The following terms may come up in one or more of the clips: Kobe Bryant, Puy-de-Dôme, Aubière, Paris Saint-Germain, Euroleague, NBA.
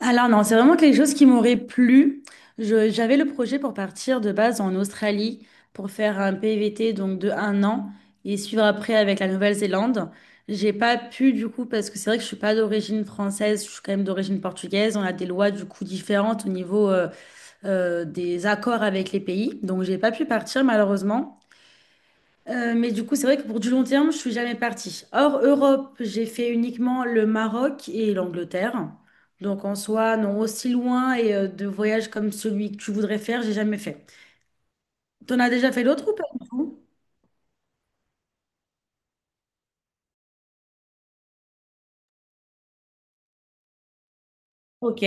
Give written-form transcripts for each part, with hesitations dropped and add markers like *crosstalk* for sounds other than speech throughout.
Alors non, c'est vraiment quelque chose qui m'aurait plu. J'avais le projet pour partir de base en Australie pour faire un PVT donc de un an et suivre après avec la Nouvelle-Zélande. J'ai pas pu du coup parce que c'est vrai que je suis pas d'origine française, je suis quand même d'origine portugaise. On a des lois du coup différentes au niveau des accords avec les pays, donc j'ai pas pu partir malheureusement. Mais du coup, c'est vrai que pour du long terme, je suis jamais partie. Hors Europe, j'ai fait uniquement le Maroc et l'Angleterre. Donc en soi, non, aussi loin et de voyages comme celui que tu voudrais faire, j'ai jamais fait. T'en as déjà fait d'autres ou pas du tout? Ok.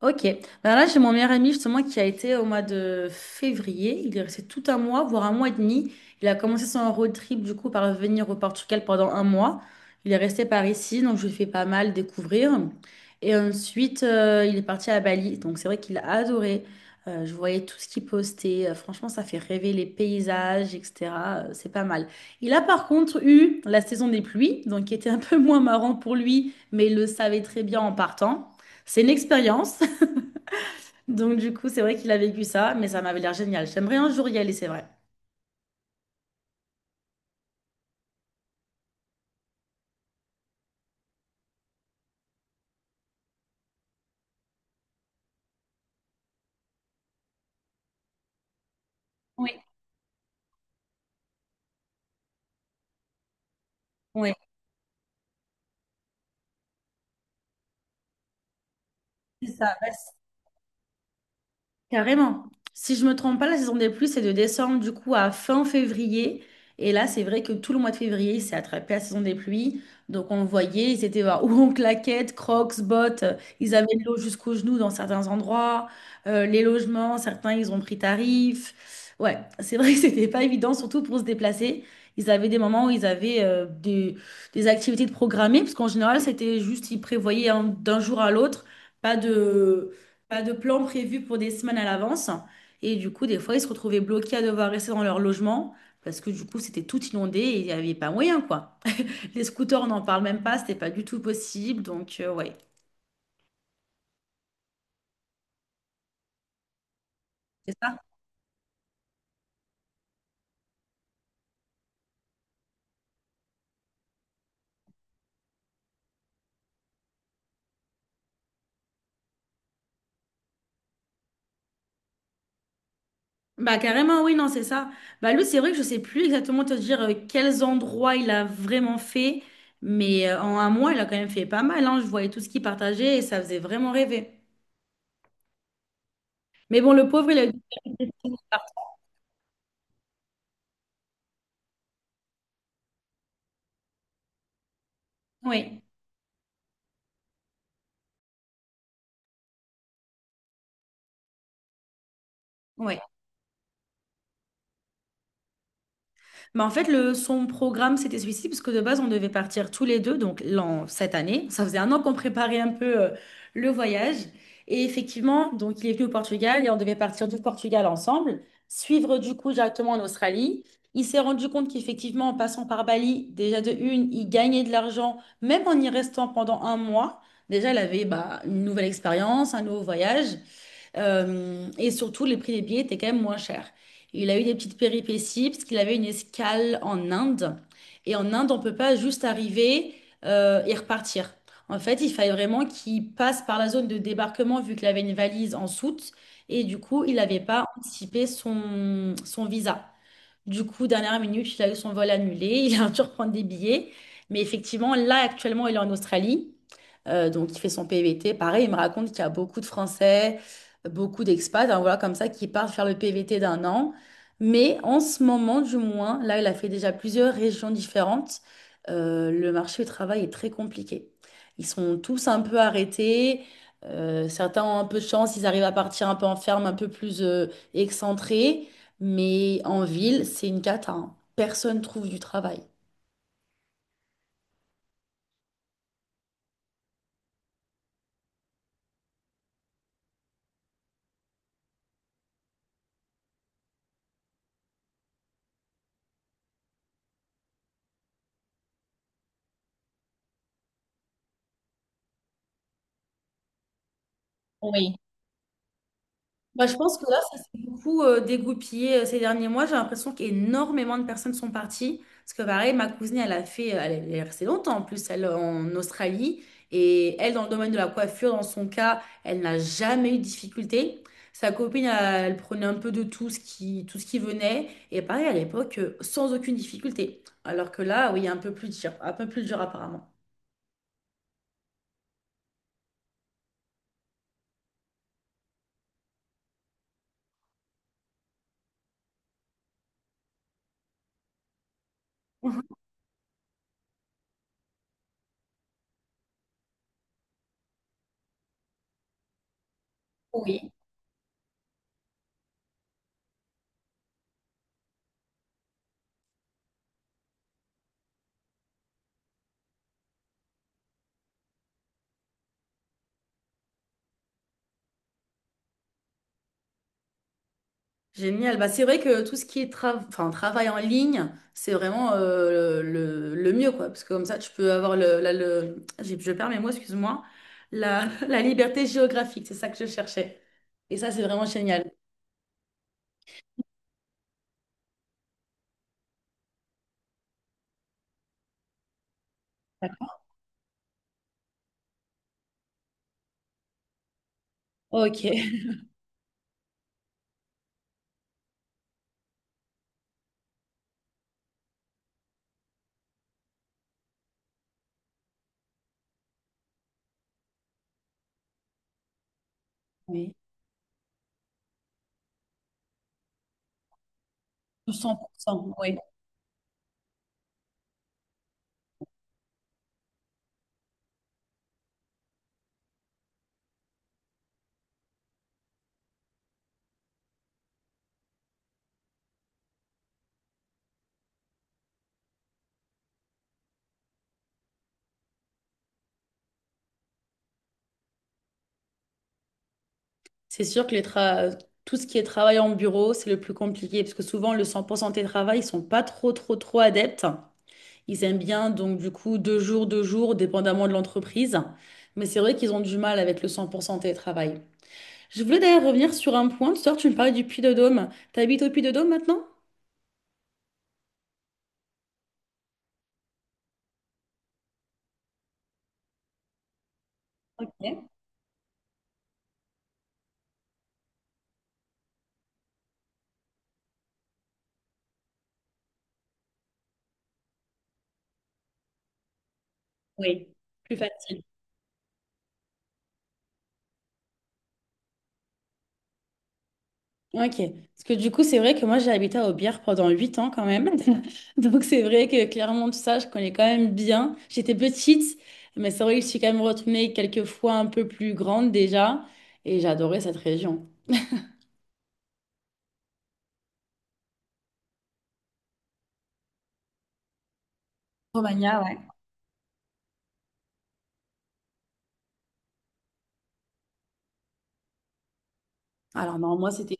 Ok. Ben là, j'ai mon meilleur ami justement qui a été au mois de février. Il est resté tout un mois, voire un mois et demi. Il a commencé son road trip du coup par venir au Portugal pendant un mois. Il est resté par ici, donc je lui ai fait pas mal découvrir. Et ensuite, il est parti à Bali. Donc c'est vrai qu'il a adoré. Je voyais tout ce qu'il postait. Franchement, ça fait rêver les paysages, etc. C'est pas mal. Il a par contre eu la saison des pluies, donc qui était un peu *laughs* moins marrant pour lui, mais il le savait très bien en partant. C'est une expérience. Donc, du coup, c'est vrai qu'il a vécu ça, mais ça m'avait l'air génial. J'aimerais un jour y aller, c'est vrai. Oui, c'est ça. Bah, carrément. Si je me trompe pas, la saison des pluies, c'est de décembre du coup à fin février. Et là, c'est vrai que tout le mois de février, c'est attrapé à la saison des pluies. Donc, on le voyait, ils étaient ou en claquettes, crocs, bottes. Ils avaient de l'eau jusqu'aux genoux dans certains endroits. Les logements, certains, ils ont pris tarif. Ouais, c'est vrai que *laughs* c'était pas évident, surtout pour se déplacer. Ils avaient des moments où ils avaient des activités de programmées, parce qu'en général, c'était juste, ils prévoyaient d'un jour à l'autre. Pas de, pas de plan prévu pour des semaines à l'avance. Et du coup, des fois, ils se retrouvaient bloqués à devoir rester dans leur logement parce que du coup, c'était tout inondé et il n'y avait pas moyen, quoi. Les scooters, on n'en parle même pas, c'était pas du tout possible. Donc, ouais, c'est ça. Bah, carrément, oui, non, c'est ça. Bah, lui, c'est vrai que je sais plus exactement te dire quels endroits il a vraiment fait, mais en un mois, il a quand même fait pas mal, hein. Je voyais tout ce qu'il partageait et ça faisait vraiment rêver. Mais bon, le pauvre, il a eu... Oui, oui. Mais en fait, son programme, c'était celui-ci, parce que de base, on devait partir tous les deux, donc cette année. Ça faisait un an qu'on préparait un peu le voyage. Et effectivement, donc il est venu au Portugal et on devait partir du Portugal ensemble, suivre du coup directement en Australie. Il s'est rendu compte qu'effectivement, en passant par Bali, déjà de une, il gagnait de l'argent, même en y restant pendant un mois. Déjà, il avait bah, une nouvelle expérience, un nouveau voyage. Et surtout, les prix des billets étaient quand même moins chers. Il a eu des petites péripéties parce qu'il avait une escale en Inde. Et en Inde, on peut pas juste arriver et repartir. En fait, il fallait vraiment qu'il passe par la zone de débarquement vu qu'il avait une valise en soute. Et du coup, il n'avait pas anticipé son visa. Du coup, dernière minute, il a eu son vol annulé, *laughs* il a dû reprendre des billets. Mais effectivement, là, actuellement, il est en Australie. Donc, il fait son PVT. Pareil, il me raconte qu'il y a beaucoup de Français, beaucoup d'expats, hein, voilà, comme ça, qui partent faire le PVT d'un an. Mais en ce moment, du moins, là, il a fait déjà plusieurs régions différentes. Le marché du travail est très compliqué. Ils sont tous un peu arrêtés. Certains ont un peu de chance, ils arrivent à partir un peu en ferme, un peu plus excentrés. Mais en ville, c'est une cata, hein. Personne trouve du travail. Oui. Bah, je pense que là, ça s'est beaucoup dégoupillé ces derniers mois. J'ai l'impression qu'énormément de personnes sont parties. Parce que pareil, ma cousine, elle a fait, elle est restée longtemps en plus, elle en Australie. Et elle, dans le domaine de la coiffure, dans son cas, elle n'a jamais eu de difficulté. Sa copine, elle, elle prenait un peu de tout ce qui venait. Et pareil, à l'époque, sans aucune difficulté. Alors que là, oui, un peu plus dur apparemment. Oui. Génial. Bah, c'est vrai que tout ce qui est enfin, travail en ligne, c'est vraiment le mieux, quoi. Parce que comme ça, tu peux avoir le, la- le... j'ai- Je perds mes mots, excuse-moi. *laughs* La liberté géographique, c'est ça que je cherchais. Et ça, c'est vraiment génial. D'accord. Ok. Oui. 100%. Oui. C'est sûr que les tout ce qui est travail en bureau, c'est le plus compliqué. Parce que souvent, le 100% télétravail, ils sont pas trop, trop, trop adeptes. Ils aiment bien, donc du coup, deux jours, dépendamment de l'entreprise. Mais c'est vrai qu'ils ont du mal avec le 100% télétravail. Je voulais d'ailleurs revenir sur un point. Tout à l'heure, tu me parlais du Puy-de-Dôme. T'habites au Puy-de-Dôme maintenant? Ok. Oui, plus facile. Ok. Parce que du coup, c'est vrai que moi, j'ai habité à Aubière pendant 8 ans quand même. *laughs* Donc c'est vrai que clairement, tout ça, je connais quand même bien. J'étais petite, mais c'est vrai que je suis quand même retournée quelques fois un peu plus grande déjà. Et j'adorais cette région. Romagna, ouais. Alors non, moi, c'était...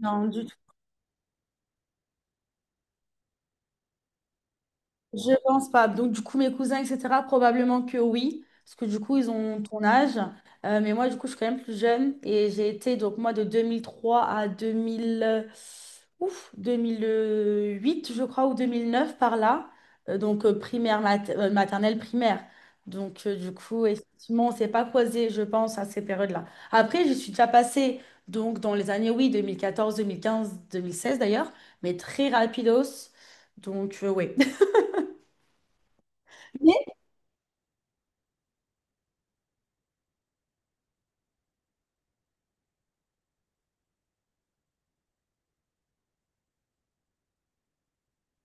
Non, du tout. Je pense pas. Donc, du coup, mes cousins, etc., probablement que oui, parce que du coup, ils ont ton âge. Mais moi, du coup, je suis quand même plus jeune et j'ai été, donc, moi, de 2003 à 2000, 2008 je crois, ou 2009 par là. Donc, primaire, maternelle, primaire. Donc, du coup, effectivement, on s'est pas croisés, je pense, à ces périodes-là. Après, je suis déjà passée, donc, dans les années, oui, deux mille quatorze 2015 2016 d'ailleurs, mais très rapidos. Donc, oui. *laughs*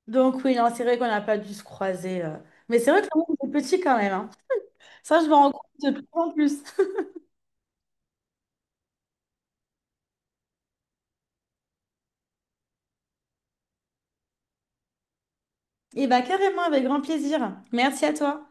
Donc oui, non, c'est vrai qu'on n'a pas dû se croiser. Mais c'est vrai que le monde est petit quand même, hein. Ça, je me rends compte de plus en plus. *laughs* Et bah carrément, avec grand plaisir. Merci à toi.